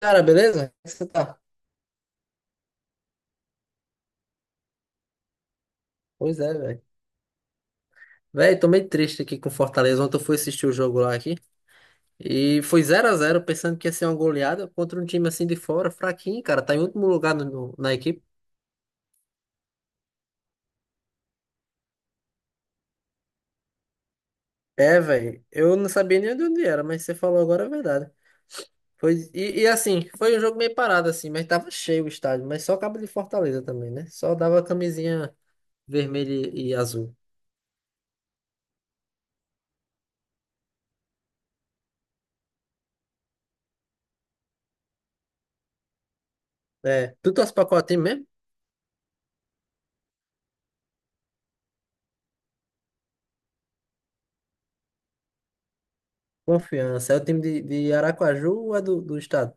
Cara, beleza? Como é que você tá? Pois é, velho. Velho, tô meio triste aqui com o Fortaleza. Ontem eu fui assistir o jogo lá aqui. E foi 0-0, pensando que ia ser uma goleada contra um time assim de fora, fraquinho, cara. Tá em último lugar na equipe. É, velho. Eu não sabia nem de onde era, mas você falou agora a verdade. Foi, e assim, foi um jogo meio parado, assim, mas tava cheio o estádio. Mas só cabo de Fortaleza também, né? Só dava camisinha vermelha e azul. É. Tu torce pra qual time mesmo? Confiança. É o time de Aracaju ou é do estado?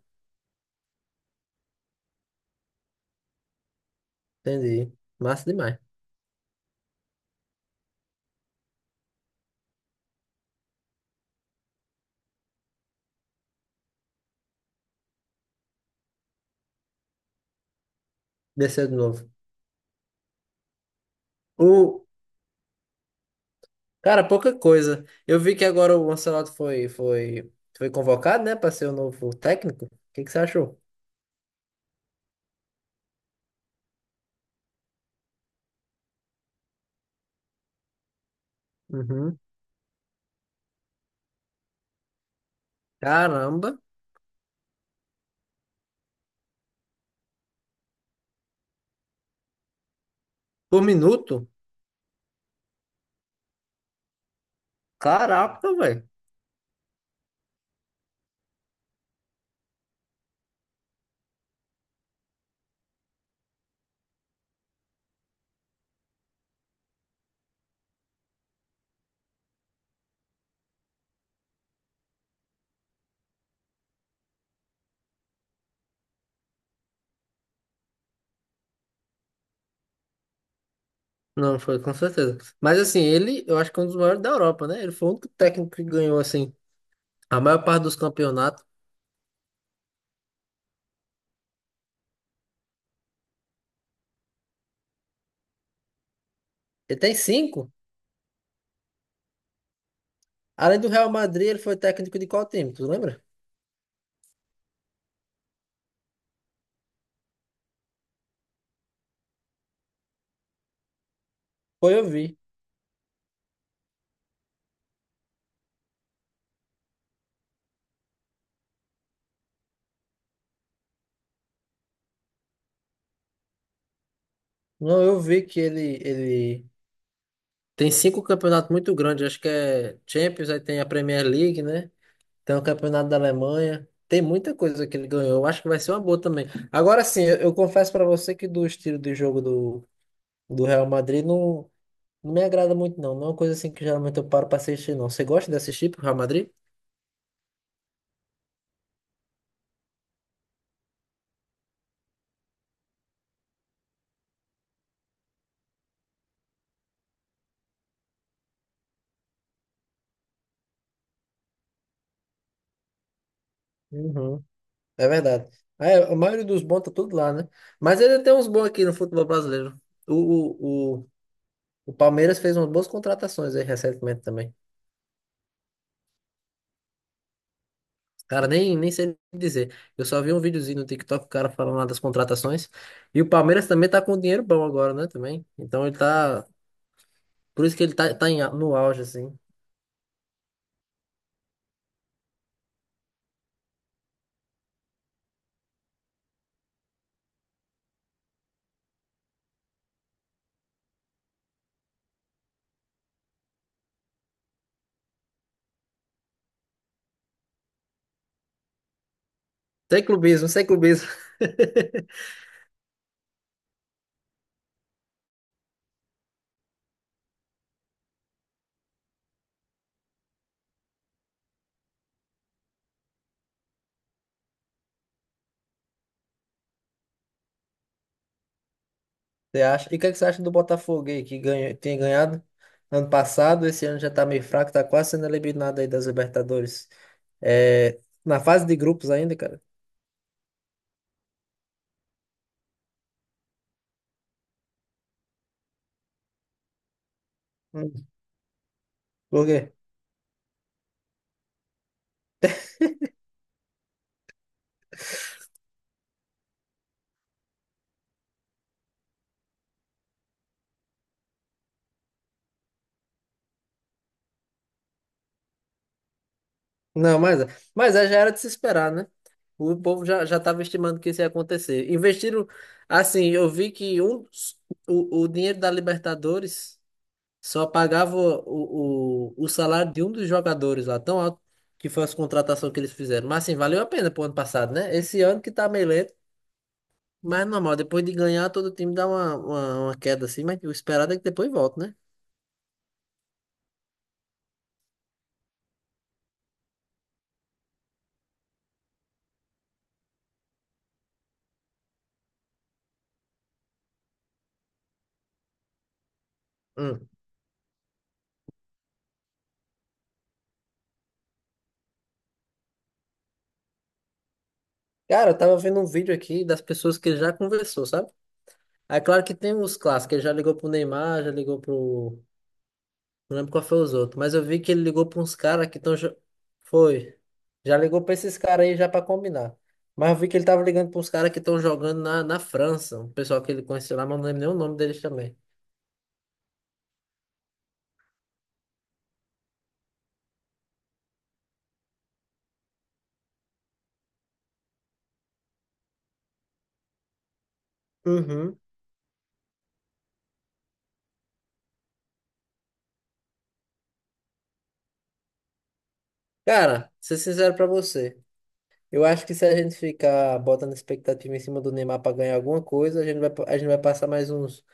Entendi. Massa demais. Desceu de novo. O... Cara, pouca coisa. Eu vi que agora o Ancelotti foi convocado, né, para ser o novo técnico. O que que você achou? Uhum. Caramba. Por minuto? Caraca, velho. Não, foi com certeza. Mas assim, ele, eu acho que é um dos maiores da Europa, né? Ele foi o único técnico que ganhou, assim, a maior parte dos campeonatos. Ele tem cinco. Além do Real Madrid, ele foi técnico de qual time? Tu lembra? Foi, eu vi. Não, eu vi que ele tem cinco campeonatos muito grandes, acho que é Champions, aí tem a Premier League, né? Tem o Campeonato da Alemanha. Tem muita coisa que ele ganhou. Eu acho que vai ser uma boa também. Agora sim, eu confesso pra você que do estilo de jogo do Real Madrid não, não me agrada muito, não. Não é uma coisa assim que geralmente eu paro pra assistir, não. Você gosta de assistir pro Real Madrid? Uhum. É verdade. Ah, é, a maioria dos bons tá tudo lá, né? Mas ele tem uns bons aqui no futebol brasileiro. O, o, o, o Palmeiras fez umas boas contratações aí recentemente também. Cara, nem sei dizer. Eu só vi um videozinho no TikTok, o cara falando lá das contratações. E o Palmeiras também tá com um dinheiro bom agora, né? Também. Então ele tá. Por isso que ele tá em no auge, assim. Sem clubismo, sem clubismo. Você acha? E o que, é que você acha do Botafogo aí, que ganha, tem ganhado ano passado, esse ano já tá meio fraco, tá quase sendo eliminado aí das Libertadores. É, na fase de grupos ainda, cara. Hum. Por quê? Não, mas, mas é, já era de se esperar, né? O povo já estava estimando que isso ia acontecer. Investiram, assim, eu vi que o dinheiro da Libertadores só pagava o salário de um dos jogadores lá, tão alto que foi as contratações que eles fizeram. Mas, assim, valeu a pena pro ano passado, né? Esse ano que tá meio lento. Mas é normal, depois de ganhar, todo time dá uma queda assim, mas o esperado é que depois volta, né? Hum. Cara, eu tava vendo um vídeo aqui das pessoas que ele já conversou, sabe? Aí, claro que tem os clássicos, ele já ligou pro Neymar, já ligou pro, não lembro qual foi os outros, mas eu vi que ele ligou pra uns caras que estão. Foi. Já ligou pra esses caras aí já pra combinar. Mas eu vi que ele tava ligando pra uns caras que estão jogando na França. Um pessoal que ele conheceu lá, mas não lembro nem o nome deles também. Uhum. Cara, ser sincero pra você. Eu acho que se a gente ficar botando expectativa em cima do Neymar pra ganhar alguma coisa, a gente vai passar mais uns,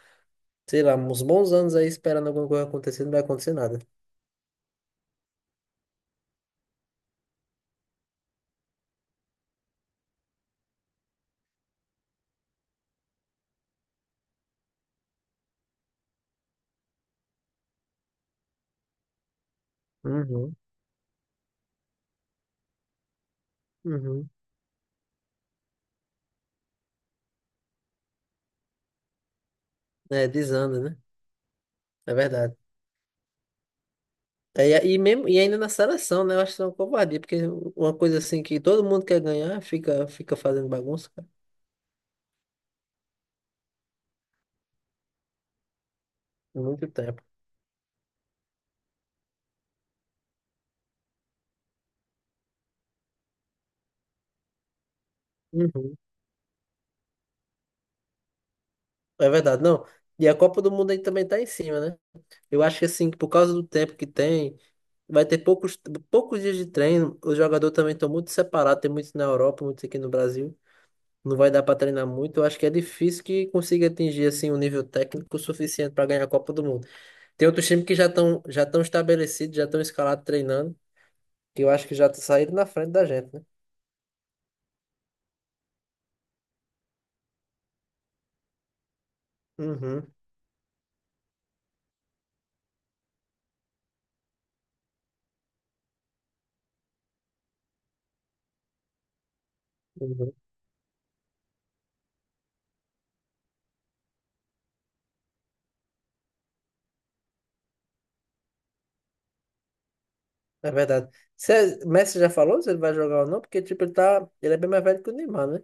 sei lá, uns bons anos aí esperando alguma coisa acontecer, não vai acontecer nada. Uhum. Uhum. É, desanda, né? É verdade. É, e, aí mesmo, e ainda na seleção, né? Eu acho que é uma covardia, porque uma coisa assim que todo mundo quer ganhar fica fazendo bagunça, cara, por muito tempo. Uhum. É verdade, não. E a Copa do Mundo aí também tá em cima, né? Eu acho que assim, que por causa do tempo que tem, vai ter poucos dias de treino. Os jogadores também estão muito separados, tem muitos na Europa, muitos aqui no Brasil. Não vai dar para treinar muito. Eu acho que é difícil que consiga atingir assim um nível técnico suficiente para ganhar a Copa do Mundo. Tem outros times que já estão estabelecidos, já estão escalados treinando, que eu acho que já tá saindo na frente da gente, né? Uhum, uhum. É verdade. Se Messi já falou se ele vai jogar ou não, porque tipo, ele é bem mais velho que o Neymar, né?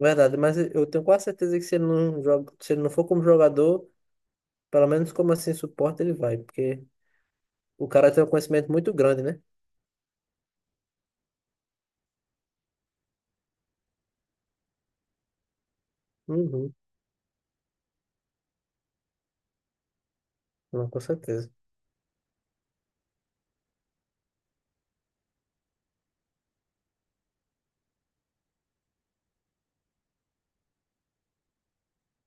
Verdade, mas eu tenho quase certeza que se ele não joga, se ele não for como jogador, pelo menos como assim suporte ele vai, porque o cara tem um conhecimento muito grande, né? Uhum. Não, com certeza.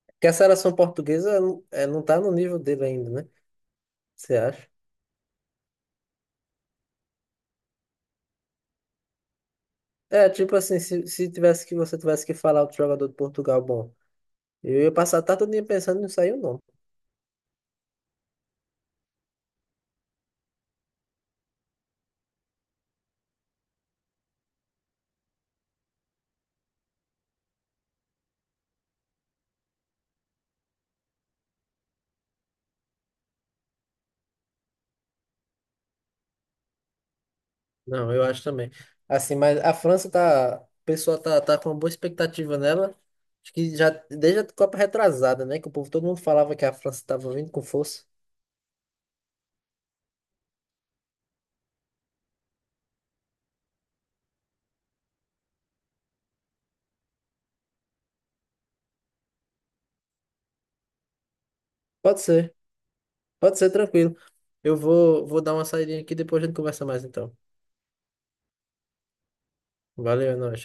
Porque a seleção portuguesa é, não tá no nível dele ainda, né? Você acha? É, tipo assim, se tivesse que você tivesse que falar outro jogador de Portugal, bom, eu ia passar a tarde todinha pensando e não saiu, não. Não, eu acho também. Assim, mas a França tá. O pessoal tá com uma boa expectativa nela. Acho que já desde a Copa retrasada, né? Que o povo, todo mundo falava que a França tava vindo com força. Pode ser, pode ser tranquilo. Eu vou dar uma saída aqui, depois a gente conversa mais então. Valeu, é nóis.